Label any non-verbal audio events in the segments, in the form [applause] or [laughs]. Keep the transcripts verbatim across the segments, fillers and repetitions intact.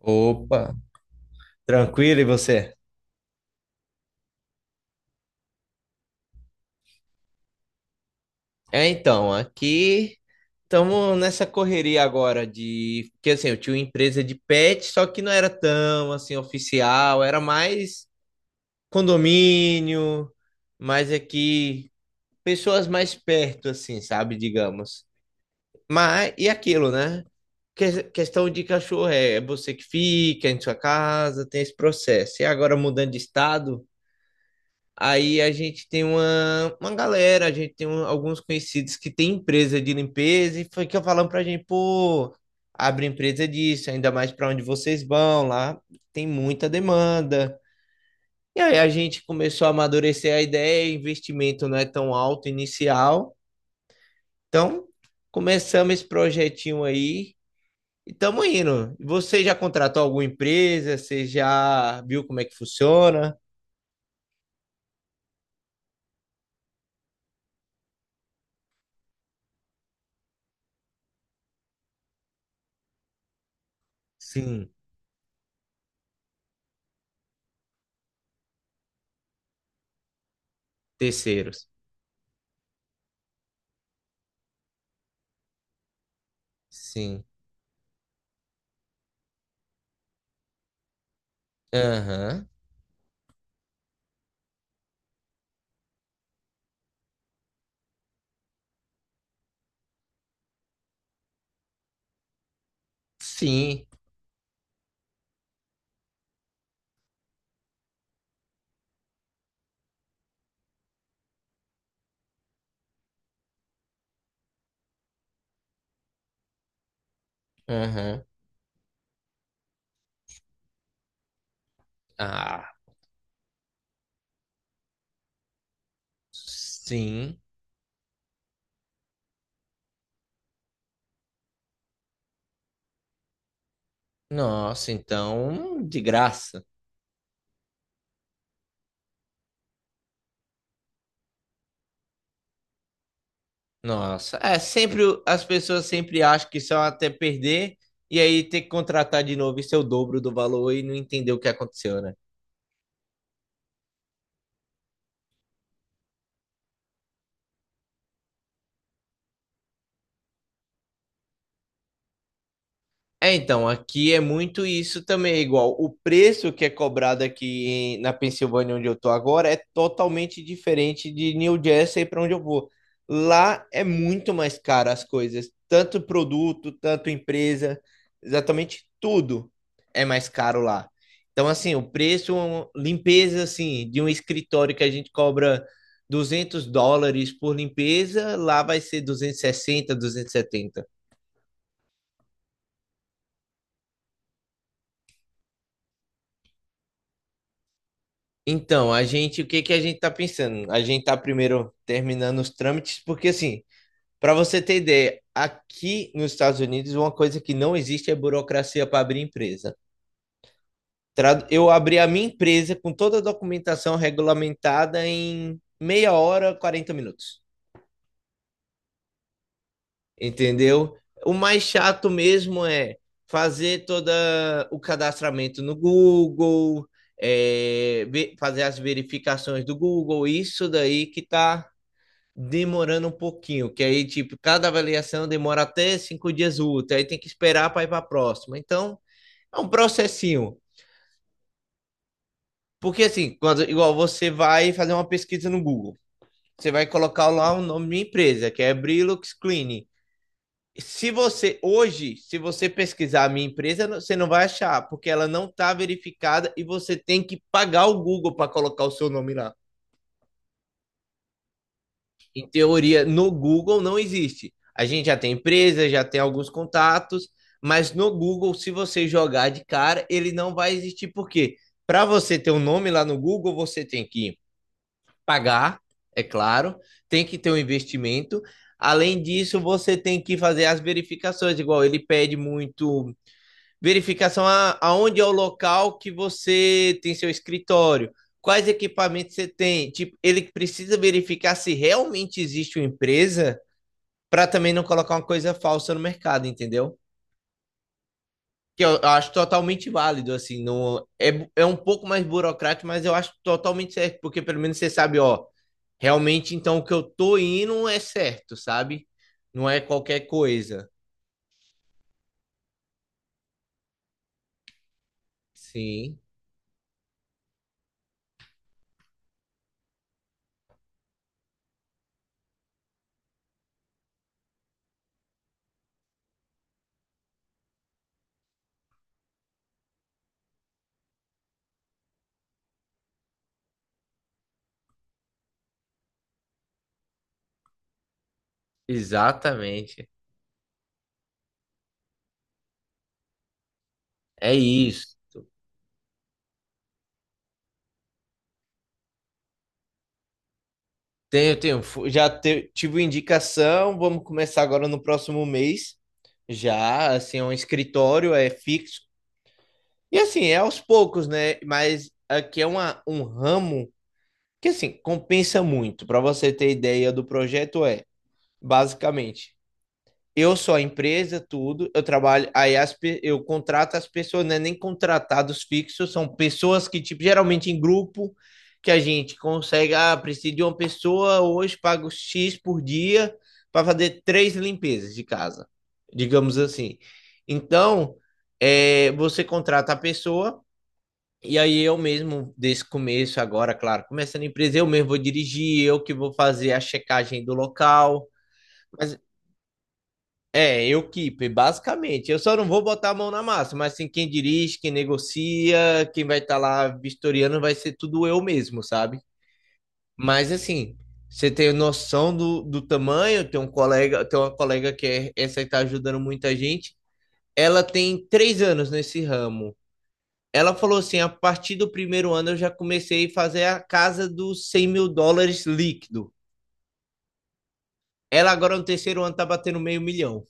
Opa, tranquilo e você? É, então, aqui estamos nessa correria agora de porque assim, eu tinha uma empresa de pet, só que não era tão assim oficial, era mais condomínio, mais aqui pessoas mais perto assim, sabe, digamos. Mas e aquilo, né? Que- questão de cachorro é, é você que fica em sua casa, tem esse processo. E agora mudando de estado, aí a gente tem uma, uma galera, a gente tem um- alguns conhecidos que tem empresa de limpeza e foi que eu falando pra gente, pô, abre empresa disso, ainda mais pra onde vocês vão, lá tem muita demanda. E aí a gente começou a amadurecer a ideia, investimento não é tão alto inicial. Então, começamos esse projetinho aí e estamos indo. Você já contratou alguma empresa? Você já viu como é que funciona? Sim, terceiros. Sim. Aham. Sim. Aham. Ah, sim. Nossa, então, de graça. Nossa, é sempre o- as pessoas sempre acham que são até perder e aí ter que contratar de novo e ser o dobro do valor e não entender o que aconteceu, né? É, então, aqui é muito isso também, é igual o preço que é cobrado aqui em- na Pensilvânia, onde eu tô agora, é totalmente diferente de New Jersey para onde eu vou. Lá é muito mais caro as coisas, tanto produto, tanto empresa, exatamente tudo é mais caro lá. Então, assim, o preço, um, limpeza, assim, de um escritório que a gente cobra duzentos dólares por limpeza, lá vai ser duzentos e sessenta, duzentos e setenta. Então, a gente, o que que a gente tá pensando? A gente tá primeiro terminando os trâmites, porque assim, para você ter ideia, aqui nos Estados Unidos, uma coisa que não existe é burocracia para abrir empresa. Tradu- Eu abri a minha empresa com toda a documentação regulamentada em meia hora, quarenta minutos. Entendeu? O mais chato mesmo é fazer todo o cadastramento no Google, é, ve- fazer as verificações do Google, isso daí que tá demorando um pouquinho, que aí, tipo, cada avaliação demora até cinco dias úteis, aí tem que esperar para ir para a próxima. Então, é um processinho. Porque, assim, quando, igual você vai fazer uma pesquisa no Google, você vai colocar lá o nome da minha empresa, que é Brilux Cleaning. Se você, hoje, se você pesquisar a minha empresa, você não vai achar, porque ela não está verificada e você tem que pagar o Google para colocar o seu nome lá. Em teoria, no Google não existe. A gente já tem empresa, já tem alguns contatos, mas no Google, se você jogar de cara, ele não vai existir, porque para você ter um nome lá no Google, você tem que pagar, é claro, tem que ter um investimento. Além disso, você tem que fazer as verificações, igual ele pede muito verificação a, aonde é o local que você tem seu escritório, quais equipamentos você tem. Tipo, ele precisa verificar se realmente existe uma empresa para também não colocar uma coisa falsa no mercado, entendeu? Que eu acho totalmente válido, assim, no é, é um pouco mais burocrático, mas eu acho totalmente certo, porque pelo menos você sabe, ó, realmente então o que eu tô indo é certo, sabe? Não é qualquer coisa. Sim, exatamente. É isso. Tenho, tenho. Fu- Já te- tive indicação, vamos começar agora no próximo mês. Já, assim, é um escritório, é fixo. E assim, é aos poucos, né? Mas aqui é uma, um ramo que, assim, compensa muito. Para você ter ideia do projeto, é, basicamente. Eu sou a empresa, tudo. Eu trabalho. Aí as, eu contrato as pessoas, não é nem contratados fixos, são pessoas que, tipo, geralmente em grupo, que a gente consegue. Ah, preciso de uma pessoa hoje, pago X por dia para fazer três limpezas de casa, digamos assim. Então, é, você contrata a pessoa. E aí eu mesmo, desse começo agora, claro, começando a empresa, eu mesmo vou dirigir, eu que vou fazer a checagem do local. Mas é, eu keep, basicamente. Eu só não vou botar a mão na massa, mas assim quem dirige, quem negocia, quem vai estar lá vistoriando vai ser tudo eu mesmo, sabe? Mas assim, você tem noção do, do tamanho, tem um colega, tem uma colega que é, essa está ajudando muita gente. Ela tem três anos nesse ramo. Ela falou assim: a partir do primeiro ano eu já comecei a fazer a casa dos cem mil dólares líquido. Ela agora no terceiro ano tá batendo meio milhão.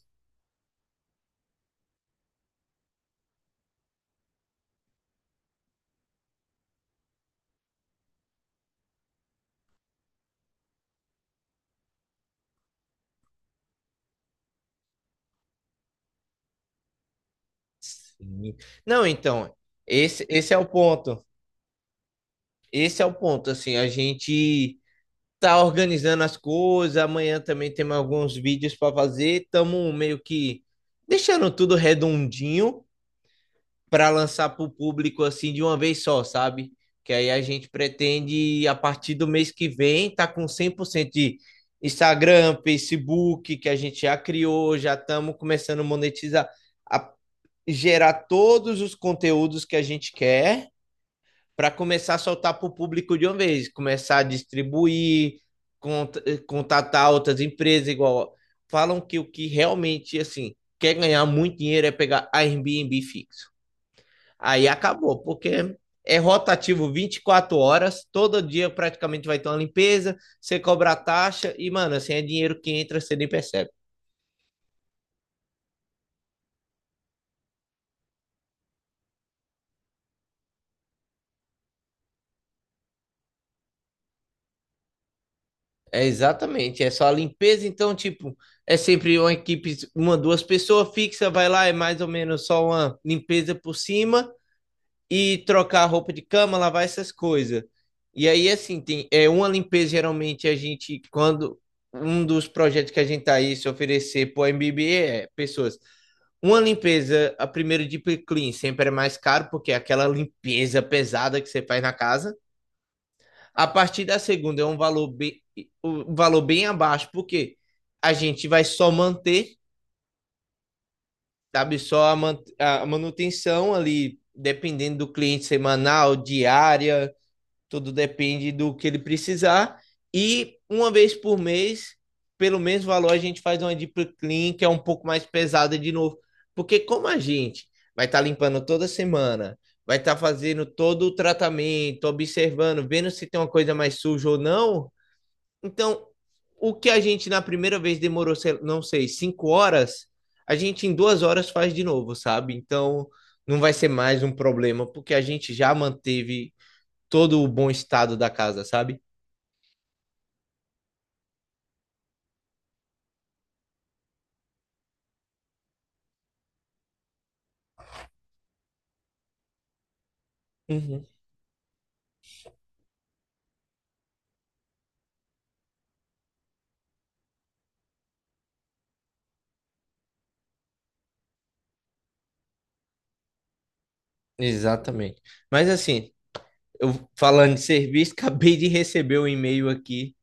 Sim. Não, então, esse, esse é o ponto. Esse é o ponto, assim, a gente tá organizando as coisas, amanhã também temos alguns vídeos para fazer, estamos meio que deixando tudo redondinho para lançar para o público assim de uma vez só, sabe? Que aí a gente pretende a partir do mês que vem tá com cem por cento de Instagram, Facebook, que a gente já criou, já estamos começando a monetizar, a gerar todos os conteúdos que a gente quer para começar a soltar para o público de uma vez, começar a distribuir, cont contatar outras empresas, igual falam que o que realmente assim quer ganhar muito dinheiro é pegar Airbnb fixo. Aí acabou, porque é rotativo vinte e quatro horas, todo dia praticamente vai ter uma limpeza, você cobra a taxa e, mano, assim é dinheiro que entra, você nem percebe. É exatamente, é só a limpeza, então, tipo, é sempre uma equipe, uma, duas pessoas fixa, vai lá, é mais ou menos só uma limpeza por cima e trocar a roupa de cama, lavar essas coisas. E aí, assim, tem, é uma limpeza, geralmente, a gente, quando um dos projetos que a gente tá aí se oferecer pro M B B é pessoas. Uma limpeza, a primeira deep clean, sempre é mais caro, porque é aquela limpeza pesada que você faz na casa. A partir da segunda é um valor bem, um valor bem abaixo, porque a gente vai só manter, sabe? Só a, man- a manutenção ali, dependendo do cliente semanal, diária, tudo depende do que ele precisar. E uma vez por mês, pelo mesmo valor, a gente faz uma deep clean, que é um pouco mais pesada de novo. Porque como a gente vai estar tá limpando toda semana, vai estar tá fazendo todo o tratamento, observando, vendo se tem uma coisa mais suja ou não, então, o que a gente na primeira vez demorou, não sei, cinco horas, a gente em duas horas faz de novo, sabe? Então, não vai ser mais um problema, porque a gente já manteve todo o bom estado da casa, sabe? Uhum. Exatamente. Mas assim, eu falando de serviço, [laughs] acabei de receber um e-mail aqui.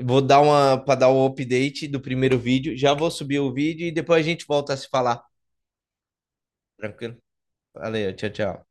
Vou dar uma para dar o update do primeiro vídeo. Já vou subir o vídeo e depois a gente volta a se falar. Tranquilo? Valeu, tchau, tchau.